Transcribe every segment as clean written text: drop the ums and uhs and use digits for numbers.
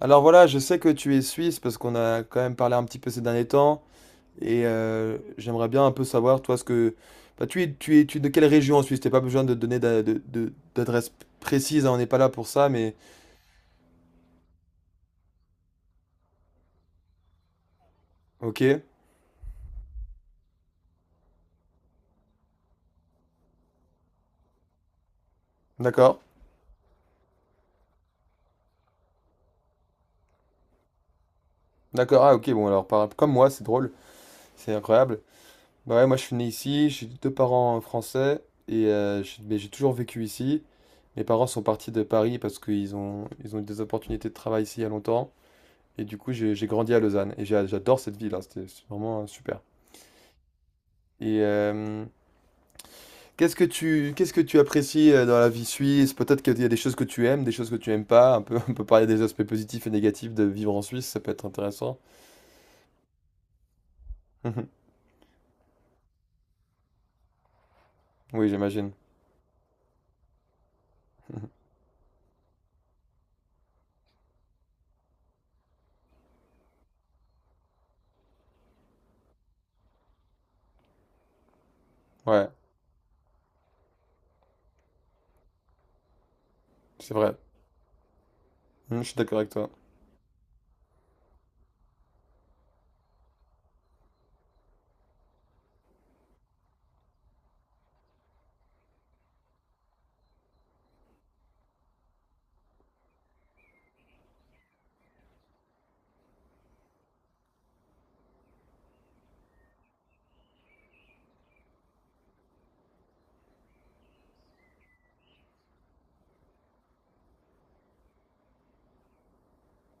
Alors voilà, je sais que tu es suisse parce qu'on a quand même parlé un petit peu ces derniers temps et j'aimerais bien un peu savoir toi ce que tu es tu es de quelle région en Suisse? T'as pas besoin de donner d'adresse précise, hein, on n'est pas là pour ça, mais ok. D'accord. D'accord, ah ok. Bon, alors comme moi, c'est drôle, c'est incroyable. Bah ouais, moi je suis né ici, j'ai deux parents français et mais j'ai toujours vécu ici. Mes parents sont partis de Paris parce qu'ils ont eu des opportunités de travail ici il y a longtemps. Et du coup, j'ai grandi à Lausanne et j'adore cette ville, hein, c'était vraiment super. Et qu'est-ce que tu apprécies dans la vie suisse? Peut-être qu'il y a des choses que tu aimes, des choses que tu aimes pas. Un peu, on peut parler des aspects positifs et négatifs de vivre en Suisse, ça peut être intéressant. Mhm. Oui, j'imagine. Mhm. Ouais, c'est vrai. Mhm, je suis d'accord avec toi.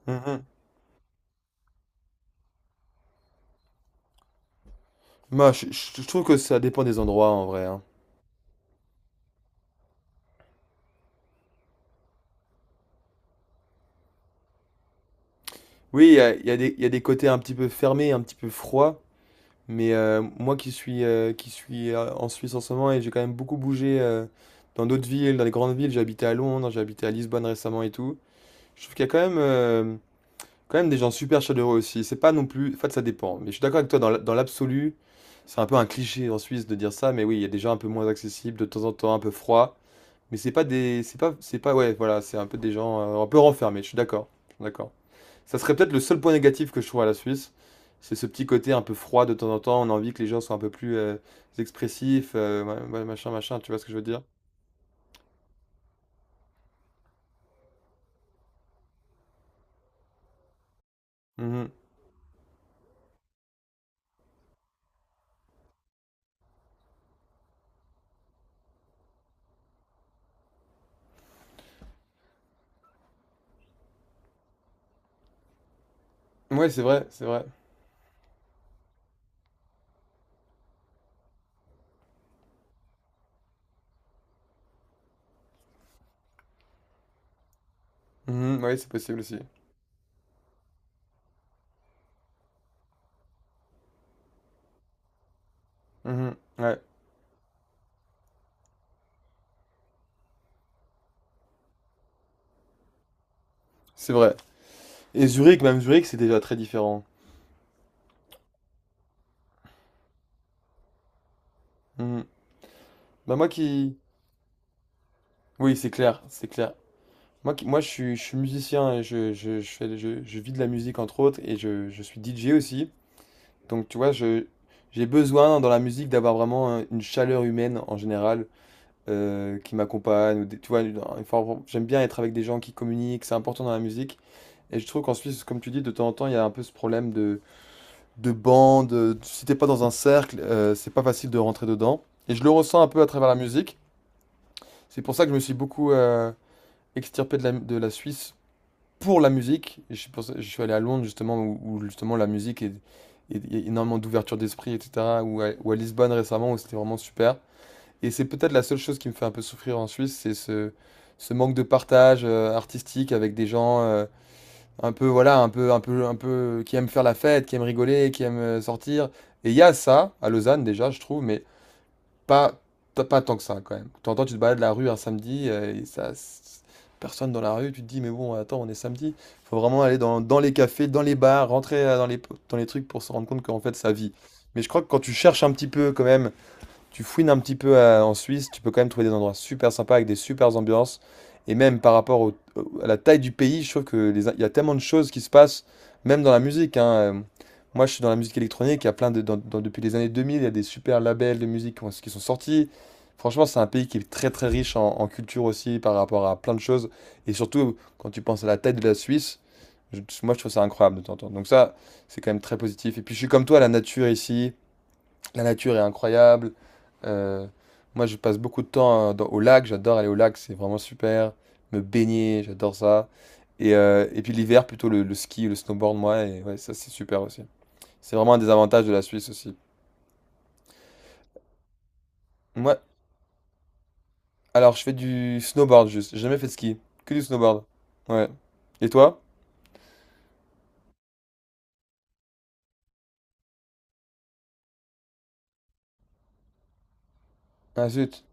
Mhm. Moi, je trouve que ça dépend des endroits en vrai, hein. Oui, il y a des côtés un petit peu fermés, un petit peu froids. Mais moi qui suis, en Suisse en ce moment, et j'ai quand même beaucoup bougé, dans d'autres villes, dans les grandes villes, j'ai habité à Londres, j'ai habité à Lisbonne récemment et tout. Je trouve qu'il y a quand même des gens super chaleureux aussi. C'est pas non plus. En fait, ça dépend. Mais je suis d'accord avec toi, dans l'absolu, c'est un peu un cliché en Suisse de dire ça, mais oui, il y a des gens un peu moins accessibles, de temps en temps un peu froids. Mais c'est pas des. C'est pas, c'est pas. Ouais, voilà, c'est un peu des gens un peu renfermés, je suis d'accord. Je suis d'accord. Ça serait peut-être le seul point négatif que je trouve à la Suisse. C'est ce petit côté un peu froid de temps en temps. On a envie que les gens soient un peu plus expressifs, ouais, machin, machin. Tu vois ce que je veux dire? Mhm. Ouais, c'est vrai, c'est vrai. Mhm, ouais, c'est possible aussi. Mhm, ouais, c'est vrai. Et Zurich, même Zurich, c'est déjà très différent. Mhm. Bah moi qui... Oui, c'est clair, c'est clair. Moi, qui... moi je suis musicien et je vis de la musique entre autres, et je suis DJ aussi. Donc tu vois, je, j'ai besoin dans la musique d'avoir vraiment une chaleur humaine en général, qui m'accompagnent. Ou des... Tu vois, j'aime bien être avec des gens qui communiquent, c'est important dans la musique. Et je trouve qu'en Suisse, comme tu dis, de temps en temps, il y a un peu ce problème de bande. Si t'es pas dans un cercle, c'est pas facile de rentrer dedans. Et je le ressens un peu à travers la musique. C'est pour ça que je me suis beaucoup extirpé de la Suisse pour la musique. Et je suis allé à Londres, justement, où, où justement la musique est, est- il y a énormément d'ouverture d'esprit, etc. Ou à Lisbonne récemment, où c'était vraiment super. Et c'est peut-être la seule chose qui me fait un peu souffrir en Suisse, c'est ce, ce manque de partage artistique avec des gens, un peu, voilà, un peu, qui aiment faire la fête, qui aiment rigoler, qui aiment sortir. Et il y a ça à Lausanne déjà, je trouve, mais pas, pas tant que ça quand même. T'entends, tu te balades la rue un samedi, personne dans la rue, tu te dis, mais bon, attends, on est samedi. Faut vraiment aller dans, dans les cafés, dans les bars, rentrer dans les trucs pour se rendre compte qu'en fait, ça vit. Mais je crois que quand tu cherches un petit peu quand même, tu fouines un petit peu en Suisse, tu peux quand même trouver des endroits super sympas avec des super ambiances. Et même par rapport à la taille du pays, je trouve que il y a tellement de choses qui se passent, même dans la musique, hein. Euh, moi, je suis dans la musique électronique, il y a plein de, depuis les années 2000, il y a des super labels de musique qui sont sortis. Franchement, c'est un pays qui est très très riche en, en culture aussi par rapport à plein de choses. Et surtout, quand tu penses à la taille de la Suisse, moi je trouve ça incroyable de t'entendre. Donc ça, c'est quand même très positif. Et puis je suis comme toi, la nature ici, la nature est incroyable. Euh, moi, je passe beaucoup de temps, au lac. J'adore aller au lac, c'est vraiment super. Me baigner, j'adore ça. Et puis l'hiver, plutôt le ski, le snowboard, moi. Et ouais, ça, c'est super aussi. C'est vraiment un des avantages de la Suisse aussi. Moi, alors, je fais du snowboard juste. J'ai jamais fait de ski. Que du snowboard. Ouais. Et toi? Ah zut.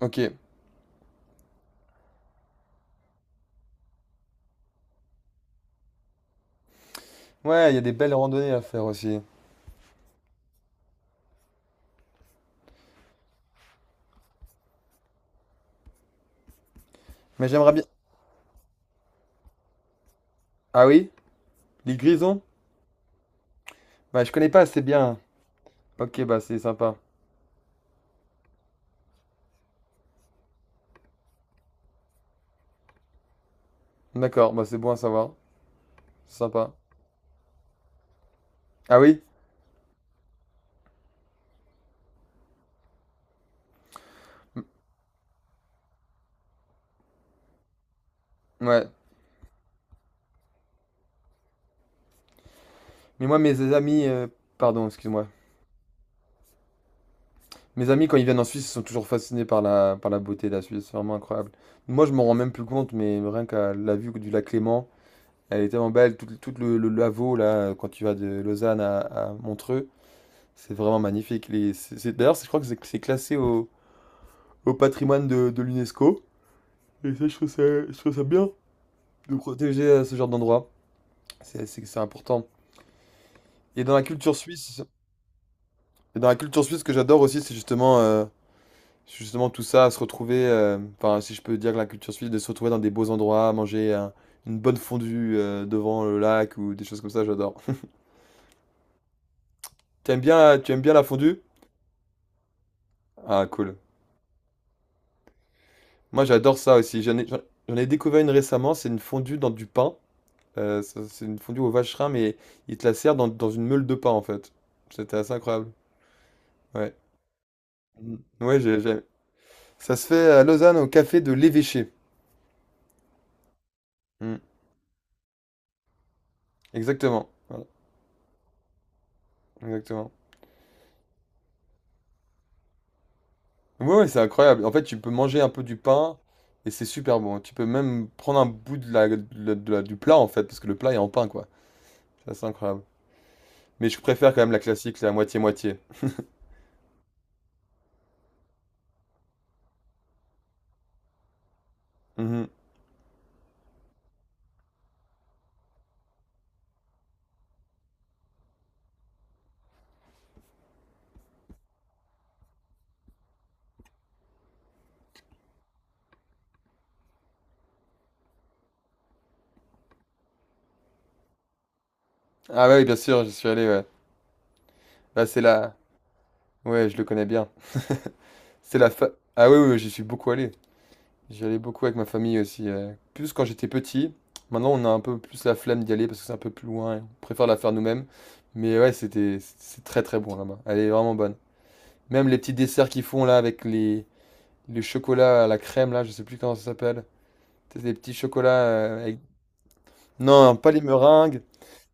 Ok. Ouais, il y a des belles randonnées à faire aussi. Mais j'aimerais bien. Ah oui? L'île Grison? Bah, je connais pas assez bien. Ok, bah, c'est sympa. D'accord, bah, c'est bon à savoir. C'est sympa. Ah oui? M- Ouais. Mais moi, mes amis, pardon, excuse-moi. Mes amis, quand ils viennent en Suisse, ils sont toujours fascinés par la beauté de la Suisse. C'est vraiment incroyable. Moi, je m'en rends même plus compte, mais rien qu'à la vue du lac Léman, elle est tellement belle. Tout, le Lavau, là, quand tu vas de Lausanne à Montreux, c'est vraiment magnifique. Les, c'est, je crois que c'est classé au, au patrimoine de l'UNESCO. Et ça, je trouve ça bien de protéger ce genre d'endroit. C'est important. Et dans la culture suisse, et dans la culture suisse, ce que j'adore aussi, c'est justement. Justement, tout ça, se retrouver, enfin, si je peux dire que la culture suisse, de se retrouver dans des beaux endroits, manger un une bonne fondue, devant le lac ou des choses comme ça, j'adore. Tu aimes bien la fondue? Ah cool. Moi, j'adore ça aussi. J'en ai découvert une récemment, c'est une fondue dans du pain. Ça c'est une fondue au vacherin, mais ils te la servent dans une meule de pain, en fait. C'était assez incroyable. Ouais. Mmh. Ouais, j'ai ça se fait à Lausanne, au café de l'Évêché. Mmh. Exactement. Voilà, exactement. Ouais, ouais, c'est incroyable. En fait, tu peux manger un peu du pain et c'est super bon. Tu peux même prendre un bout du plat en fait, parce que le plat est en pain quoi. C'est assez incroyable. Mais je préfère quand même la classique, la moitié-moitié. Mhm. Ah ouais, oui, bien sûr, j'y suis allé. Ouais. Là, c'est la. Ouais, je le connais bien. C'est la fa... Ah oui, oui, oui, j'y suis beaucoup allé. J'y allais beaucoup avec ma famille aussi, plus quand j'étais petit. Maintenant, on a un peu plus la flemme d'y aller parce que c'est un peu plus loin, et on préfère la faire nous-mêmes. Mais ouais, c'est très très bon là-bas. Elle est vraiment bonne. Même les petits desserts qu'ils font là avec les... Les chocolats à la crème, là, je sais plus comment ça s'appelle. Tu des petits chocolats avec... Non, pas les meringues.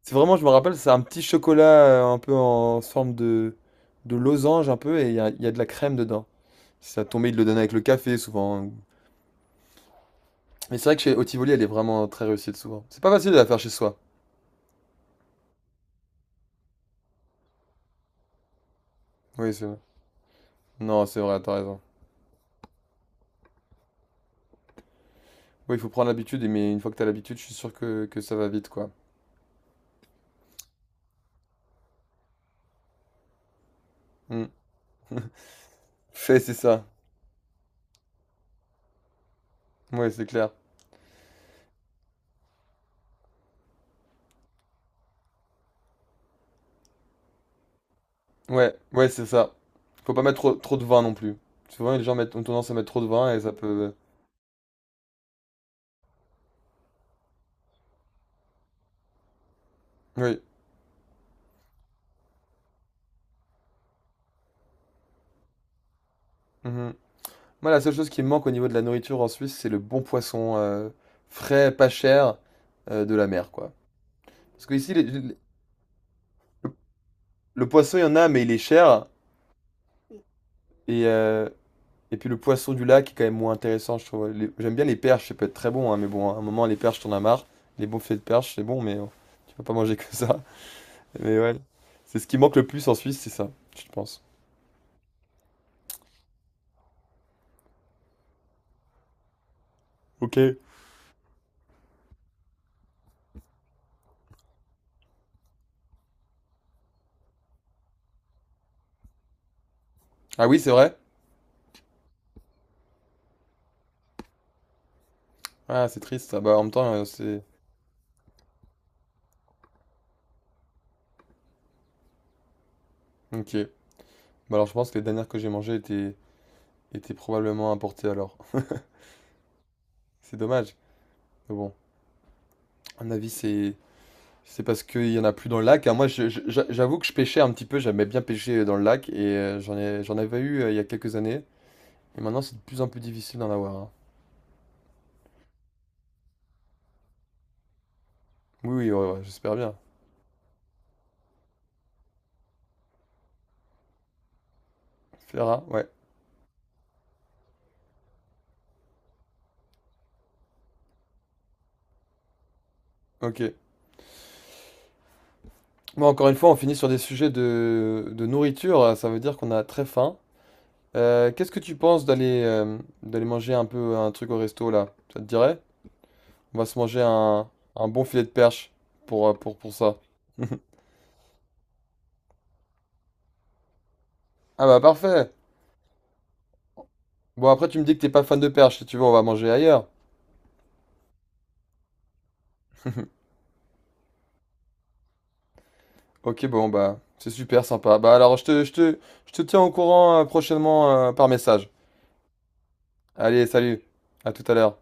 C'est vraiment, je me rappelle, c'est un petit chocolat un peu en forme de losange, un peu, et il y a de la crème dedans. Si ça tombait, ils le donnaient avec le café, souvent, hein. Mais c'est vrai que chez Otivoli, elle est vraiment très réussite, souvent. C'est pas facile de la faire chez soi. Oui, c'est vrai. Non, c'est vrai, t'as raison. Oui, il faut prendre l'habitude, mais une fois que t'as l'habitude, je suis sûr que ça va vite, quoi. Hmm. Fait, c'est ça. Oui c'est clair. Ouais, ouais, c'est ça. Faut pas mettre trop, trop de vin non plus. Souvent, les gens mettent, ont tendance à mettre trop de vin et ça peut. euh, Oui. Mhm. Moi, la seule chose qui me manque au niveau de la nourriture en Suisse, c'est le bon poisson, frais, pas cher, de la mer, quoi. Parce que ici, le, le poisson, il y en a, mais il est cher. Et, euh, et puis le poisson du lac est quand même moins intéressant, je trouve. J'aime bien les perches, ça peut être très bon, hein, mais bon, à un moment, les perches, t'en as marre. Les bons filets de perches, c'est bon, mais tu vas pas manger que ça. Mais ouais, c'est ce qui manque le plus en Suisse, c'est ça, je pense. Ok. Ah oui, c'est vrai? Ah, c'est triste. Ah bah, en même temps, c'est... Ok. Bah alors, je pense que les dernières que j'ai mangées étaient... étaient probablement importées alors. C'est dommage. Mais bon, à mon avis, c'est... C'est parce qu'il y en a plus dans le lac, hein. Moi, j'avoue que je pêchais un petit peu. J'aimais bien pêcher dans le lac. Et j'en ai... j'en avais eu il y a quelques années. Et maintenant, c'est de plus en plus difficile d'en avoir, hein. Oui, oui, ouais, ouais, j'espère bien. Fera, ouais. Ok. Bon, encore une fois, on finit sur des sujets de nourriture. Ça veut dire qu'on a très faim. Qu'est-ce que tu penses d'aller, d'aller manger un peu un truc au resto là? Ça te dirait? On va se manger un bon filet de perche pour, pour ça. Ah bah parfait. Bon après tu me dis que t'es pas fan de perche, si tu veux on va manger ailleurs. Ok bon bah c'est super sympa. Bah alors je te tiens au courant, prochainement par message. Allez salut, à tout à l'heure.